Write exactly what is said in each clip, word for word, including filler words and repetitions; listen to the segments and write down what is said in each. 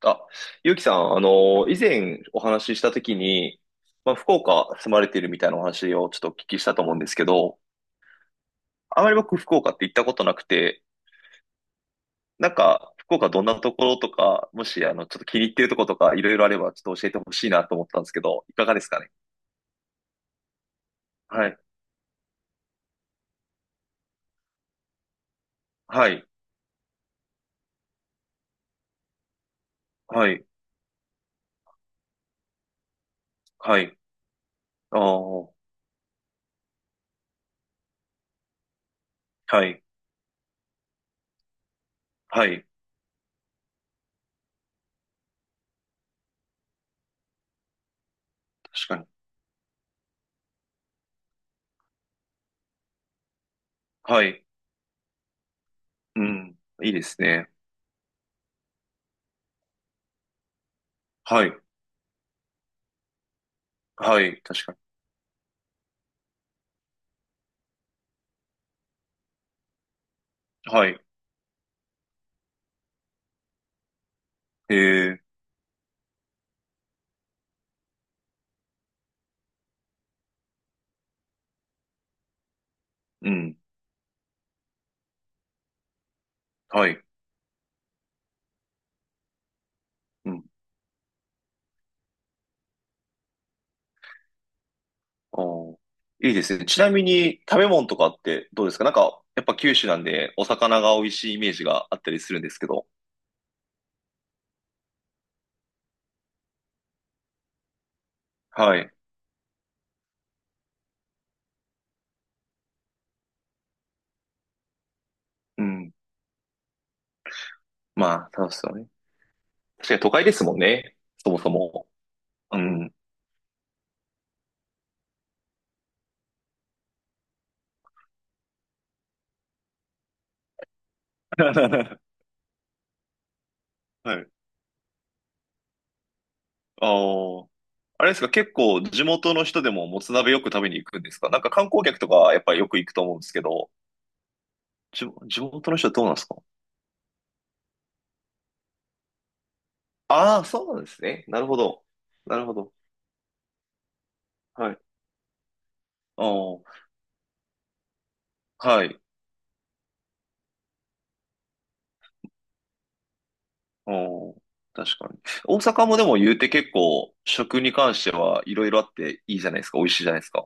あ、ゆうきさん、あの、以前お話ししたときに、まあ、福岡住まれているみたいなお話をちょっとお聞きしたと思うんですけど、あまり僕福岡って行ったことなくて、なんか、福岡どんなところとか、もし、あの、ちょっと気に入ってるところとか、いろいろあれば、ちょっと教えてほしいなと思ったんですけど、いかがですかね。はい、はい、はい、はい、ああ、はい、はい、確かに。はい、うん、いいですね。はい、はい、確かに。はい、へえ、うん、はい。うん、あー、いいですね。ちなみに食べ物とかってどうですか？なんか、やっぱ九州なんでお魚が美味しいイメージがあったりするんですけど。はい。うん。まあ、そうですよね。確かに都会ですもんね。そもそも。うん。はい。ああ、あれですか、結構地元の人でももつ鍋よく食べに行くんですか？なんか観光客とかやっぱりよく行くと思うんですけど、地、地元の人はどうなんですか？ああ、そうなんですね。なるほど。なるほど。はい。ああ、はい。うん、確かに。大阪もでも言うて結構食に関してはいろいろあっていいじゃないですか。美味しいじゃないですか。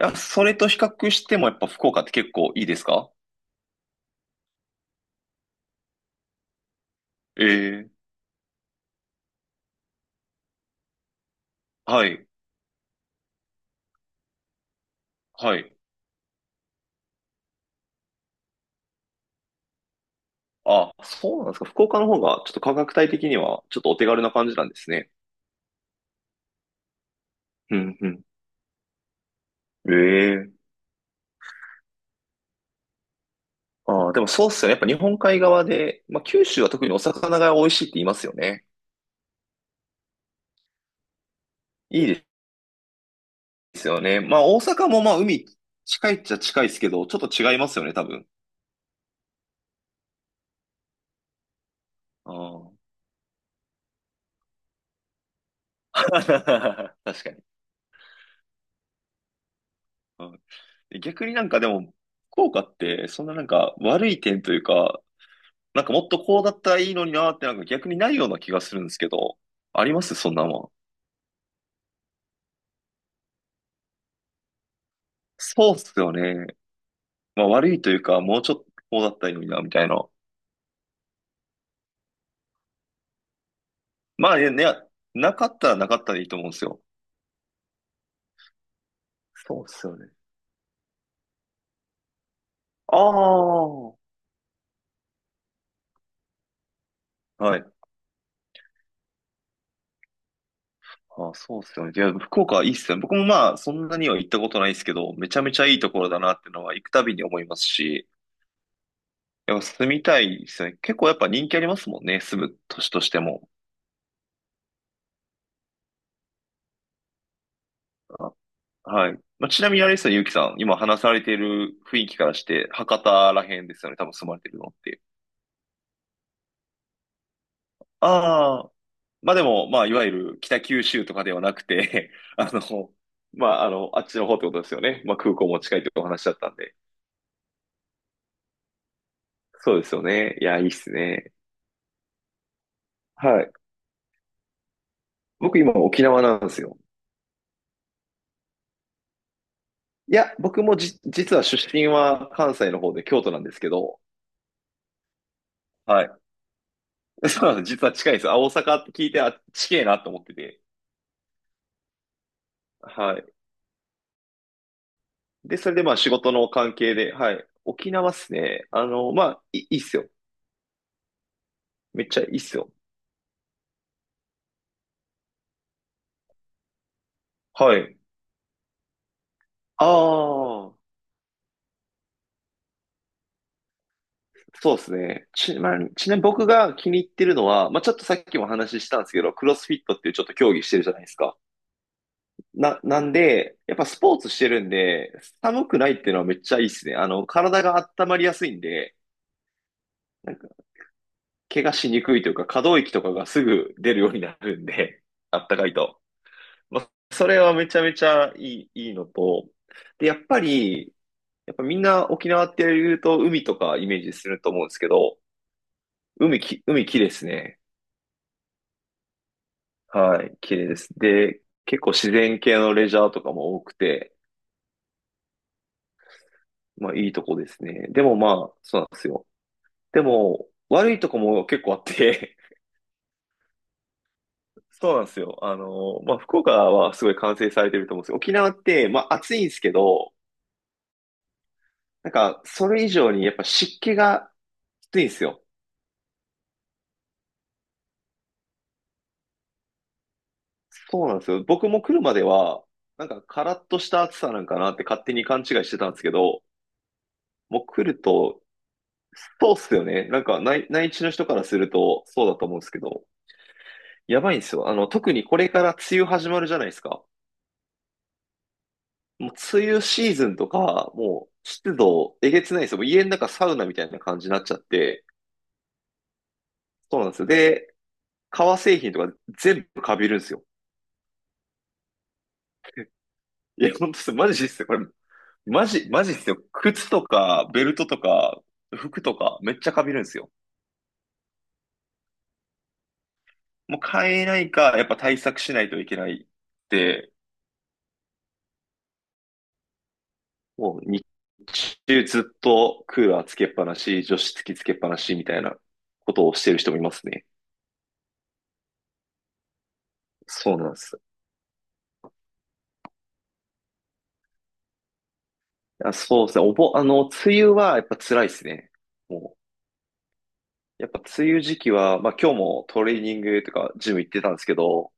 いや、それと比較してもやっぱ福岡って結構いいですか？ええ、はい、はい。あ、そうなんですか。福岡の方がちょっと価格帯的にはちょっとお手軽な感じなんですね。うん、うん。ええ、ああ、でもそうっすよね。やっぱ日本海側で、まあ九州は特にお魚が美味しいって言いますよね。いいですよね。まあ大阪もまあ海近いっちゃ近いですけど、ちょっと違いますよね、多分。ああ。確かに。うん、逆になんかでも、効果ってそんななんか悪い点というか、なんかもっとこうだったらいいのになーってなんか逆にないような気がするんですけど、ありますそんなもん。そうっすよね。まあ悪いというか、もうちょっとこうだったらいいのにな、みたいな。まあね、ね、なかったらなかったでいいと思うんですよ。そうっすよね。ああ、はい。ああ、そうっすよね。いや、福岡いいっすよね。僕もまあ、そんなには行ったことないですけど、めちゃめちゃいいところだなっていうのは行くたびに思いますし、いや、住みたいですよね。結構やっぱ人気ありますもんね。住む都市としても。あ、はい。まあ、ちなみにあれですよね、ゆうきさん。今話されている雰囲気からして、博多ら辺ですよね。多分住まれてるのって。ああ。まあでも、まあ、いわゆる北九州とかではなくて、あの、まあ、あの、あっちの方ってことですよね。まあ、空港も近いってお話だったんで。そうですよね。いや、いいっすね。はい。僕今沖縄なんですよ。いや、僕もじ、実は出身は関西の方で京都なんですけど、はい。そうなの、実は近いんです。あ、大阪って聞いて、あ、近えなと思ってて。はい。で、それでまあ仕事の関係で、はい。沖縄っすね。あの、まあ、い、いいっすよ。めっちゃいいっすよ。はい。ああ、そうですね。ち、まあ、ちなみに僕が気に入ってるのは、まあ、ちょっとさっきもお話ししたんですけど、クロスフィットっていうちょっと競技してるじゃないですか。な、なんで、やっぱスポーツしてるんで、寒くないっていうのはめっちゃいいっすね。あの、体が温まりやすいんで、怪我しにくいというか、可動域とかがすぐ出るようになるんで、あったかいと。まあ、それはめちゃめちゃいい、いいのと、で、やっぱり、やっぱみんな沖縄って言うと海とかイメージすると思うんですけど、海き、海綺麗ですね。はい、綺麗です。で、結構自然系のレジャーとかも多くて、まあいいとこですね。でもまあ、そうなんですよ。でも、悪いとこも結構あって、そうなんですよ。あの、まあ、福岡はすごい完成されてると思うんですよ。沖縄って、まあ、暑いんですけど、なんか、それ以上にやっぱ湿気がきついんですよ。そうなんですよ。僕も来るまでは、なんか、カラッとした暑さなんかなって勝手に勘違いしてたんですけど、もう来ると、そうっすよね。なんか内、内地の人からすると、そうだと思うんですけど、やばいんですよ。あの、特にこれから梅雨始まるじゃないですか。もう、梅雨シーズンとか、もう、湿度、えげつないですよ。もう家の中サウナみたいな感じになっちゃって、そうなんですよ。で、革製品とか全部カビるんですよ。いや、ほんとっす、マジっすよ。これ、マジ、マジっすよ。靴とか、ベルトとか、服とか、めっちゃかびるんですよ。もう買えないか、やっぱ対策しないといけないって、もう日中ずっとクーラーつけっぱなし、除湿機つけっぱなしみたいなことをしてる人もいますね。そうなんです。あ、そうですね。おぼ、あの、梅雨はやっぱ辛いですね。もう、やっぱ梅雨時期は、まあ今日もトレーニングとかジム行ってたんですけど、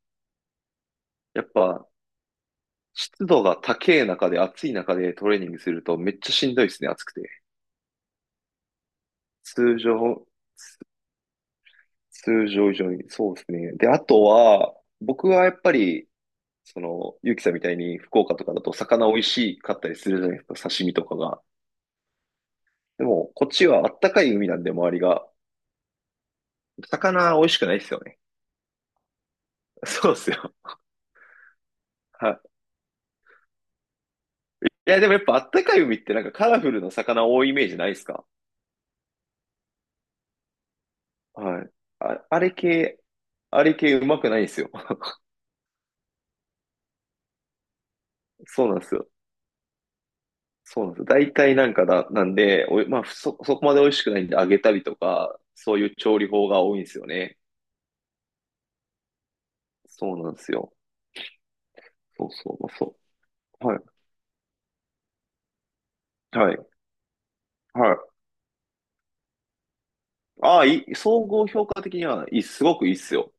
やっぱ、湿度が高い中で、暑い中でトレーニングするとめっちゃしんどいですね、暑くて。通常、つ通常以上に、そうですね。で、あとは、僕はやっぱり、その、ゆうきさんみたいに福岡とかだと魚美味しかったりするじゃないですか、刺身とかが。でも、こっちはあったかい海なんで、周りが。魚美味しくないですよね。そうですよ。はい。いや、でもやっぱあったかい海ってなんかカラフルな魚多いイメージないですか？はい。あ、あれ系、あれ系うまくないんですよ。そうなんですよ。そうなんですよ。大体なんかだ、なんで、おい、まあ、そ、そこまで美味しくないんで揚げたりとか、そういう調理法が多いんですよね。そうなんですよ。そうそう、そう。はい、はい、はい。ああ、いい、総合評価的には、いい、すごくいいっすよ。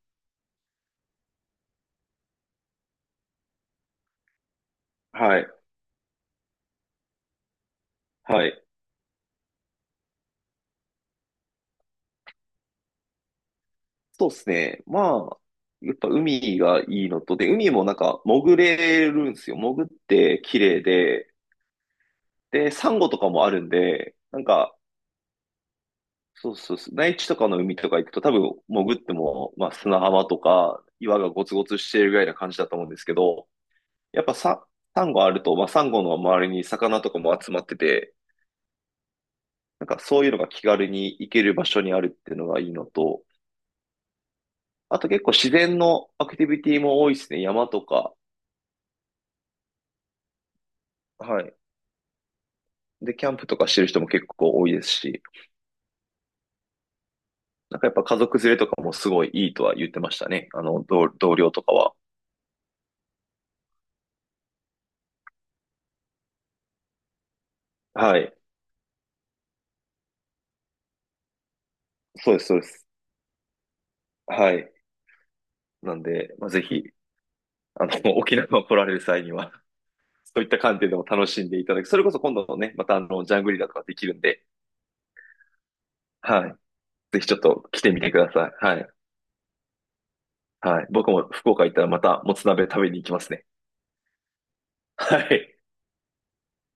はい、はい。そうですね。まあ、やっぱ海がいいのと、で、海もなんか潜れるんですよ。潜って綺麗で、で、サンゴとかもあるんで、なんか、そうそうそう。内地とかの海とか行くと多分潜っても、まあ、砂浜とか岩がゴツゴツしているぐらいな感じだと思うんですけど、やっぱサ、サンゴあると、まあ、サンゴの周りに魚とかも集まってて、なんかそういうのが気軽に行ける場所にあるっていうのがいいのと、あと結構自然のアクティビティも多いですね。山とか、はい。で、キャンプとかしてる人も結構多いですし、なんかやっぱ家族連れとかもすごいいいとは言ってましたね。あの、同、同僚とかは。はい。そうです、そうです。はい。なんで、まあ、ぜひあの、沖縄に来られる際には、そういった観点でも楽しんでいただき、それこそ今度のね、またあの、ジャングリラとかできるんで、はい。ぜひちょっと来てみてください。はい。はい。僕も福岡行ったらまたもつ鍋食べに行きますね。はい。